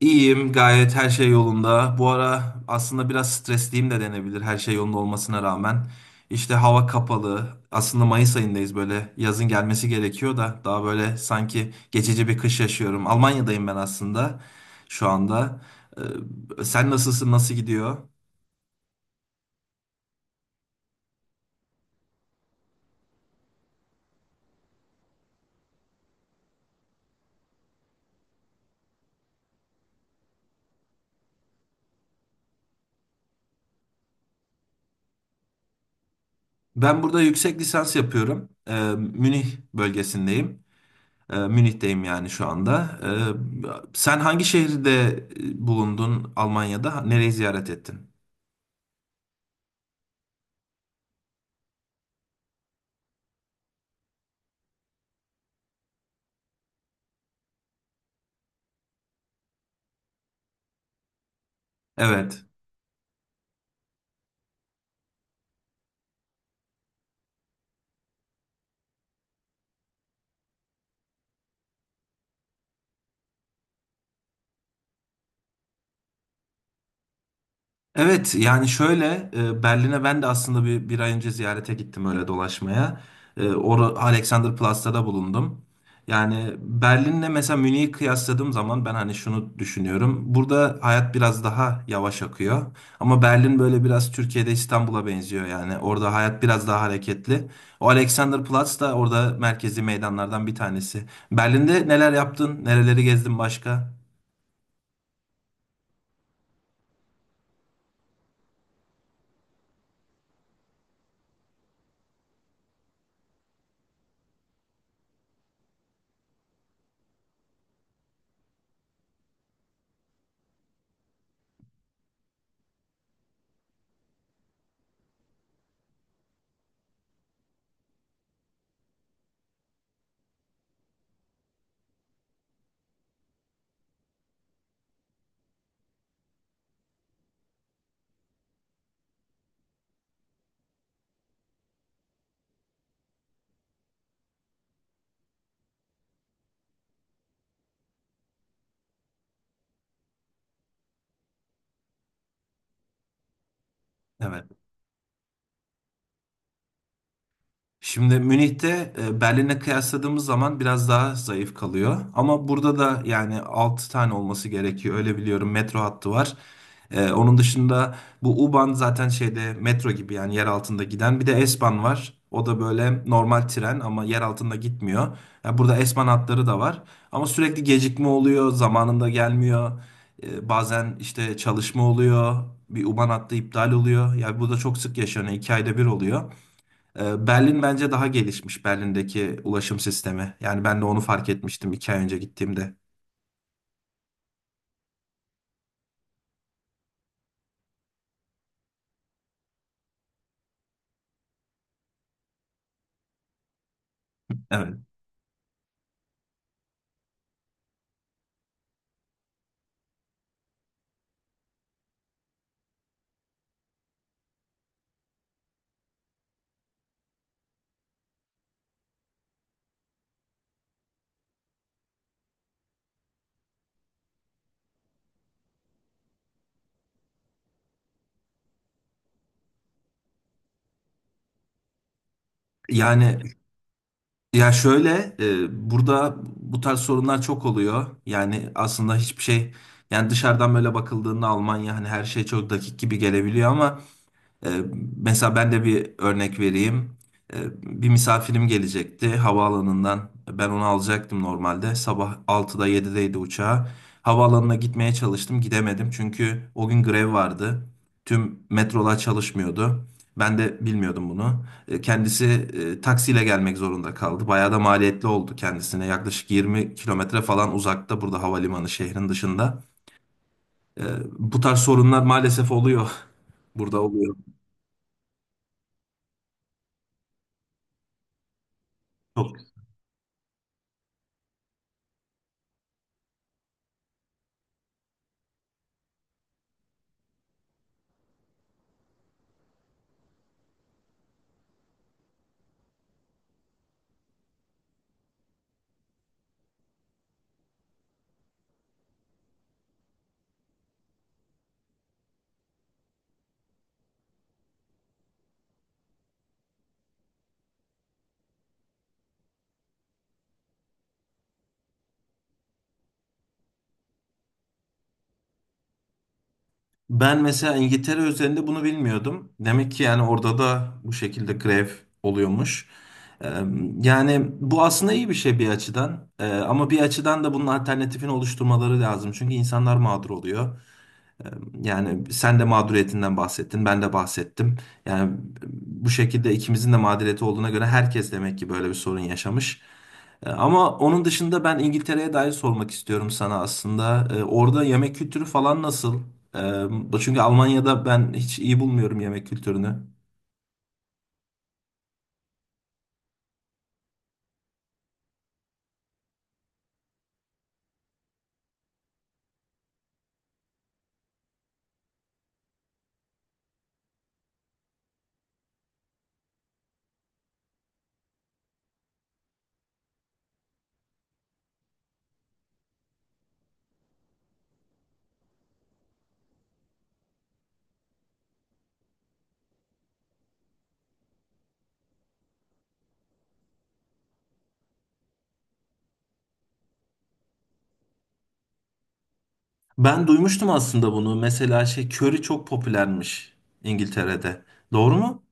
İyiyim, gayet her şey yolunda. Bu ara aslında biraz stresliyim de denebilir her şey yolunda olmasına rağmen. İşte hava kapalı. Aslında Mayıs ayındayız böyle. Yazın gelmesi gerekiyor da daha böyle sanki geçici bir kış yaşıyorum. Almanya'dayım ben aslında şu anda. Sen nasılsın, nasıl gidiyor? Ben burada yüksek lisans yapıyorum. Münih bölgesindeyim. Münih'teyim yani şu anda. Sen hangi şehirde bulundun Almanya'da? Nereyi ziyaret ettin? Evet. Evet yani şöyle Berlin'e ben de aslında bir ay önce ziyarete gittim öyle dolaşmaya. E, Or Alexanderplatz'ta da bulundum. Yani Berlin'le mesela Münih'i kıyasladığım zaman ben hani şunu düşünüyorum. Burada hayat biraz daha yavaş akıyor. Ama Berlin böyle biraz Türkiye'de İstanbul'a benziyor yani. Orada hayat biraz daha hareketli. O Alexanderplatz da orada merkezi meydanlardan bir tanesi. Berlin'de neler yaptın? Nereleri gezdin başka? Evet. Şimdi Münih'te Berlin'e kıyasladığımız zaman biraz daha zayıf kalıyor. Ama burada da yani 6 tane olması gerekiyor. Öyle biliyorum metro hattı var. Onun dışında bu U-Bahn zaten şeyde metro gibi yani yer altında giden. Bir de S-Bahn var. O da böyle normal tren ama yer altında gitmiyor. Ya burada S-Bahn hatları da var. Ama sürekli gecikme oluyor. Zamanında gelmiyor. Bazen işte çalışma oluyor. Bir U-Bahn hattı iptal oluyor. Yani bu da çok sık yaşanıyor. 2 ayda bir oluyor. Berlin bence daha gelişmiş, Berlin'deki ulaşım sistemi. Yani ben de onu fark etmiştim 2 ay önce gittiğimde. Evet. Yani ya şöyle burada bu tarz sorunlar çok oluyor. Yani aslında hiçbir şey, yani dışarıdan böyle bakıldığında Almanya hani her şey çok dakik gibi gelebiliyor ama Ee, mesela ben de bir örnek vereyim. Ee, Bir misafirim gelecekti havaalanından. Ben onu alacaktım normalde. Sabah 6'da 7'deydi uçağı. Havaalanına gitmeye çalıştım. Gidemedim çünkü o gün grev vardı. Tüm metrolar çalışmıyordu. Ben de bilmiyordum bunu. Kendisi taksiyle gelmek zorunda kaldı. Bayağı da maliyetli oldu kendisine. Yaklaşık 20 kilometre falan uzakta burada havalimanı, şehrin dışında. Ee, Bu tarz sorunlar maalesef oluyor. Burada oluyor. Ben mesela İngiltere üzerinde bunu bilmiyordum. Demek ki yani orada da bu şekilde grev oluyormuş. Ee, Yani bu aslında iyi bir şey bir açıdan. Ama bir açıdan da bunun alternatifini oluşturmaları lazım. Çünkü insanlar mağdur oluyor. Yani sen de mağduriyetinden bahsettin, ben de bahsettim. Yani bu şekilde ikimizin de mağduriyeti olduğuna göre herkes demek ki böyle bir sorun yaşamış. Ama onun dışında ben İngiltere'ye dair sormak istiyorum sana aslında. Orada yemek kültürü falan nasıl? Çünkü Almanya'da ben hiç iyi bulmuyorum yemek kültürünü. Ben duymuştum aslında bunu. Mesela şey, köri çok popülermiş İngiltere'de. Doğru mu?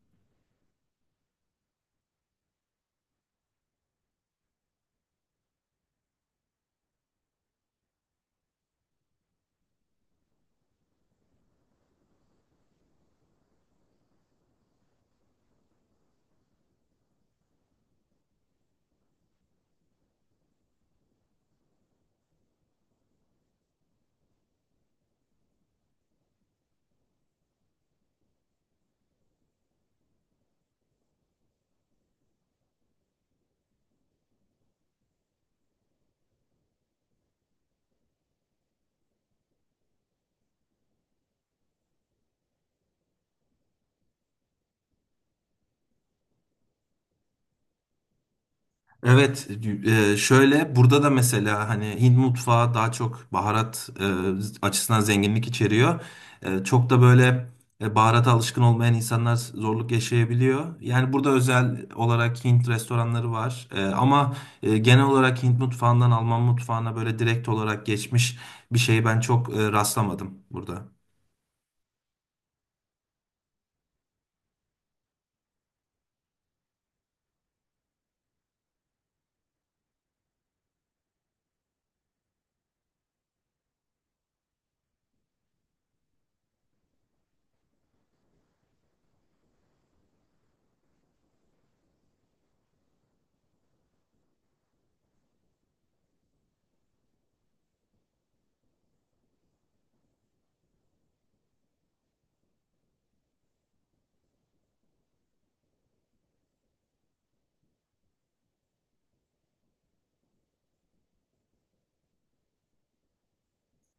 Evet, şöyle burada da mesela hani Hint mutfağı daha çok baharat açısından zenginlik içeriyor. Çok da böyle baharata alışkın olmayan insanlar zorluk yaşayabiliyor. Yani burada özel olarak Hint restoranları var. Ama genel olarak Hint mutfağından Alman mutfağına böyle direkt olarak geçmiş bir şey ben çok rastlamadım burada.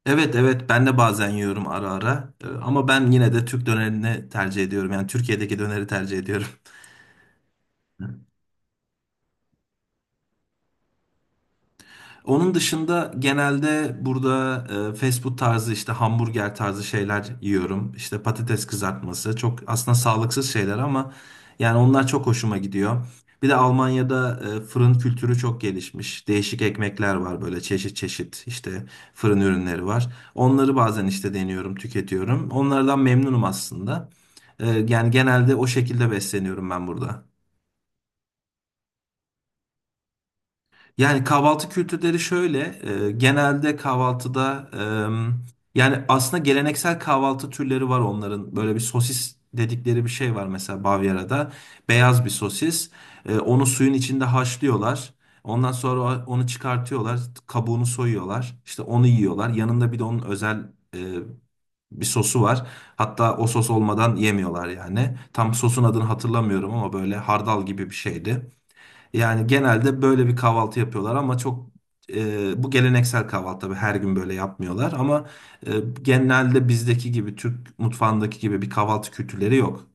Evet evet, ben de bazen yiyorum ara ara. Ama ben yine de Türk dönerini tercih ediyorum. Yani Türkiye'deki döneri tercih ediyorum. Onun dışında genelde burada fast food tarzı, işte hamburger tarzı şeyler yiyorum. İşte patates kızartması, çok aslında sağlıksız şeyler ama yani onlar çok hoşuma gidiyor. Bir de Almanya'da fırın kültürü çok gelişmiş. Değişik ekmekler var böyle çeşit çeşit, işte fırın ürünleri var. Onları bazen işte deniyorum, tüketiyorum. Onlardan memnunum aslında. Yani genelde o şekilde besleniyorum ben burada. Yani kahvaltı kültürleri şöyle, genelde kahvaltıda yani aslında geleneksel kahvaltı türleri var onların. Böyle bir sosis dedikleri bir şey var mesela Bavyera'da. Beyaz bir sosis. Onu suyun içinde haşlıyorlar. Ondan sonra onu çıkartıyorlar, kabuğunu soyuyorlar. İşte onu yiyorlar. Yanında bir de onun özel bir sosu var. Hatta o sos olmadan yemiyorlar yani. Tam sosun adını hatırlamıyorum ama böyle hardal gibi bir şeydi. Yani genelde böyle bir kahvaltı yapıyorlar ama çok bu geleneksel kahvaltı tabii her gün böyle yapmıyorlar ama e, genelde bizdeki gibi, Türk mutfağındaki gibi bir kahvaltı kültürleri yok.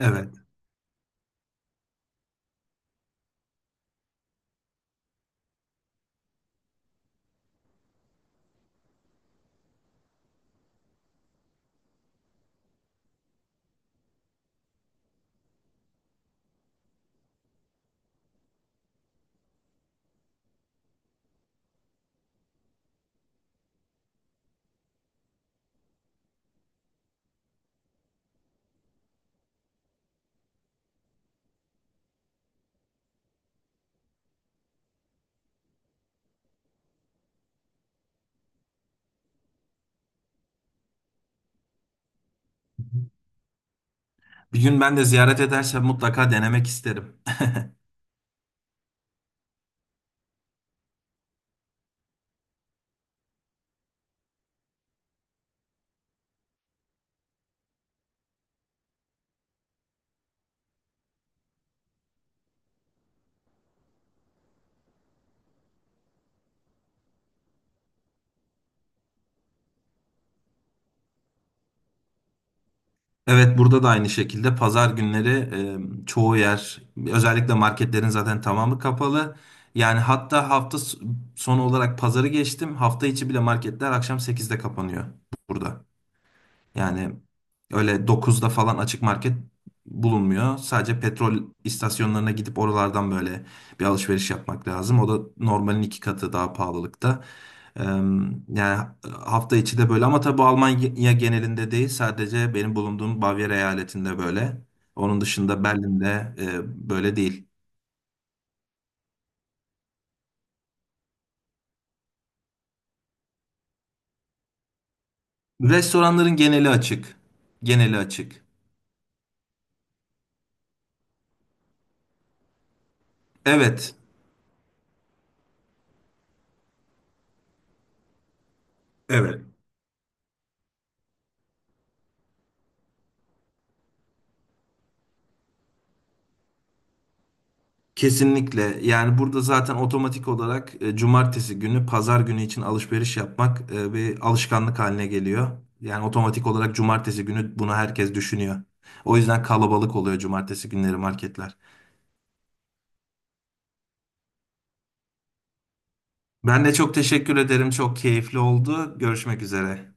Evet. Bir gün ben de ziyaret edersem mutlaka denemek isterim. Evet, burada da aynı şekilde pazar günleri çoğu yer, özellikle marketlerin zaten tamamı kapalı. Yani hatta hafta sonu olarak pazarı geçtim. Hafta içi bile marketler akşam 8'de kapanıyor burada. Yani öyle 9'da falan açık market bulunmuyor. Sadece petrol istasyonlarına gidip oralardan böyle bir alışveriş yapmak lazım. O da normalin iki katı daha pahalılıkta. Eee, Yani hafta içi de böyle ama tabii bu Almanya genelinde değil. Sadece benim bulunduğum Bavyera eyaletinde böyle. Onun dışında Berlin'de böyle değil. Restoranların geneli açık. Geneli açık. Evet. Evet. Kesinlikle. Yani burada zaten otomatik olarak cumartesi günü, pazar günü için alışveriş yapmak bir alışkanlık haline geliyor. Yani otomatik olarak cumartesi günü bunu herkes düşünüyor. O yüzden kalabalık oluyor cumartesi günleri marketler. Ben de çok teşekkür ederim. Çok keyifli oldu. Görüşmek üzere.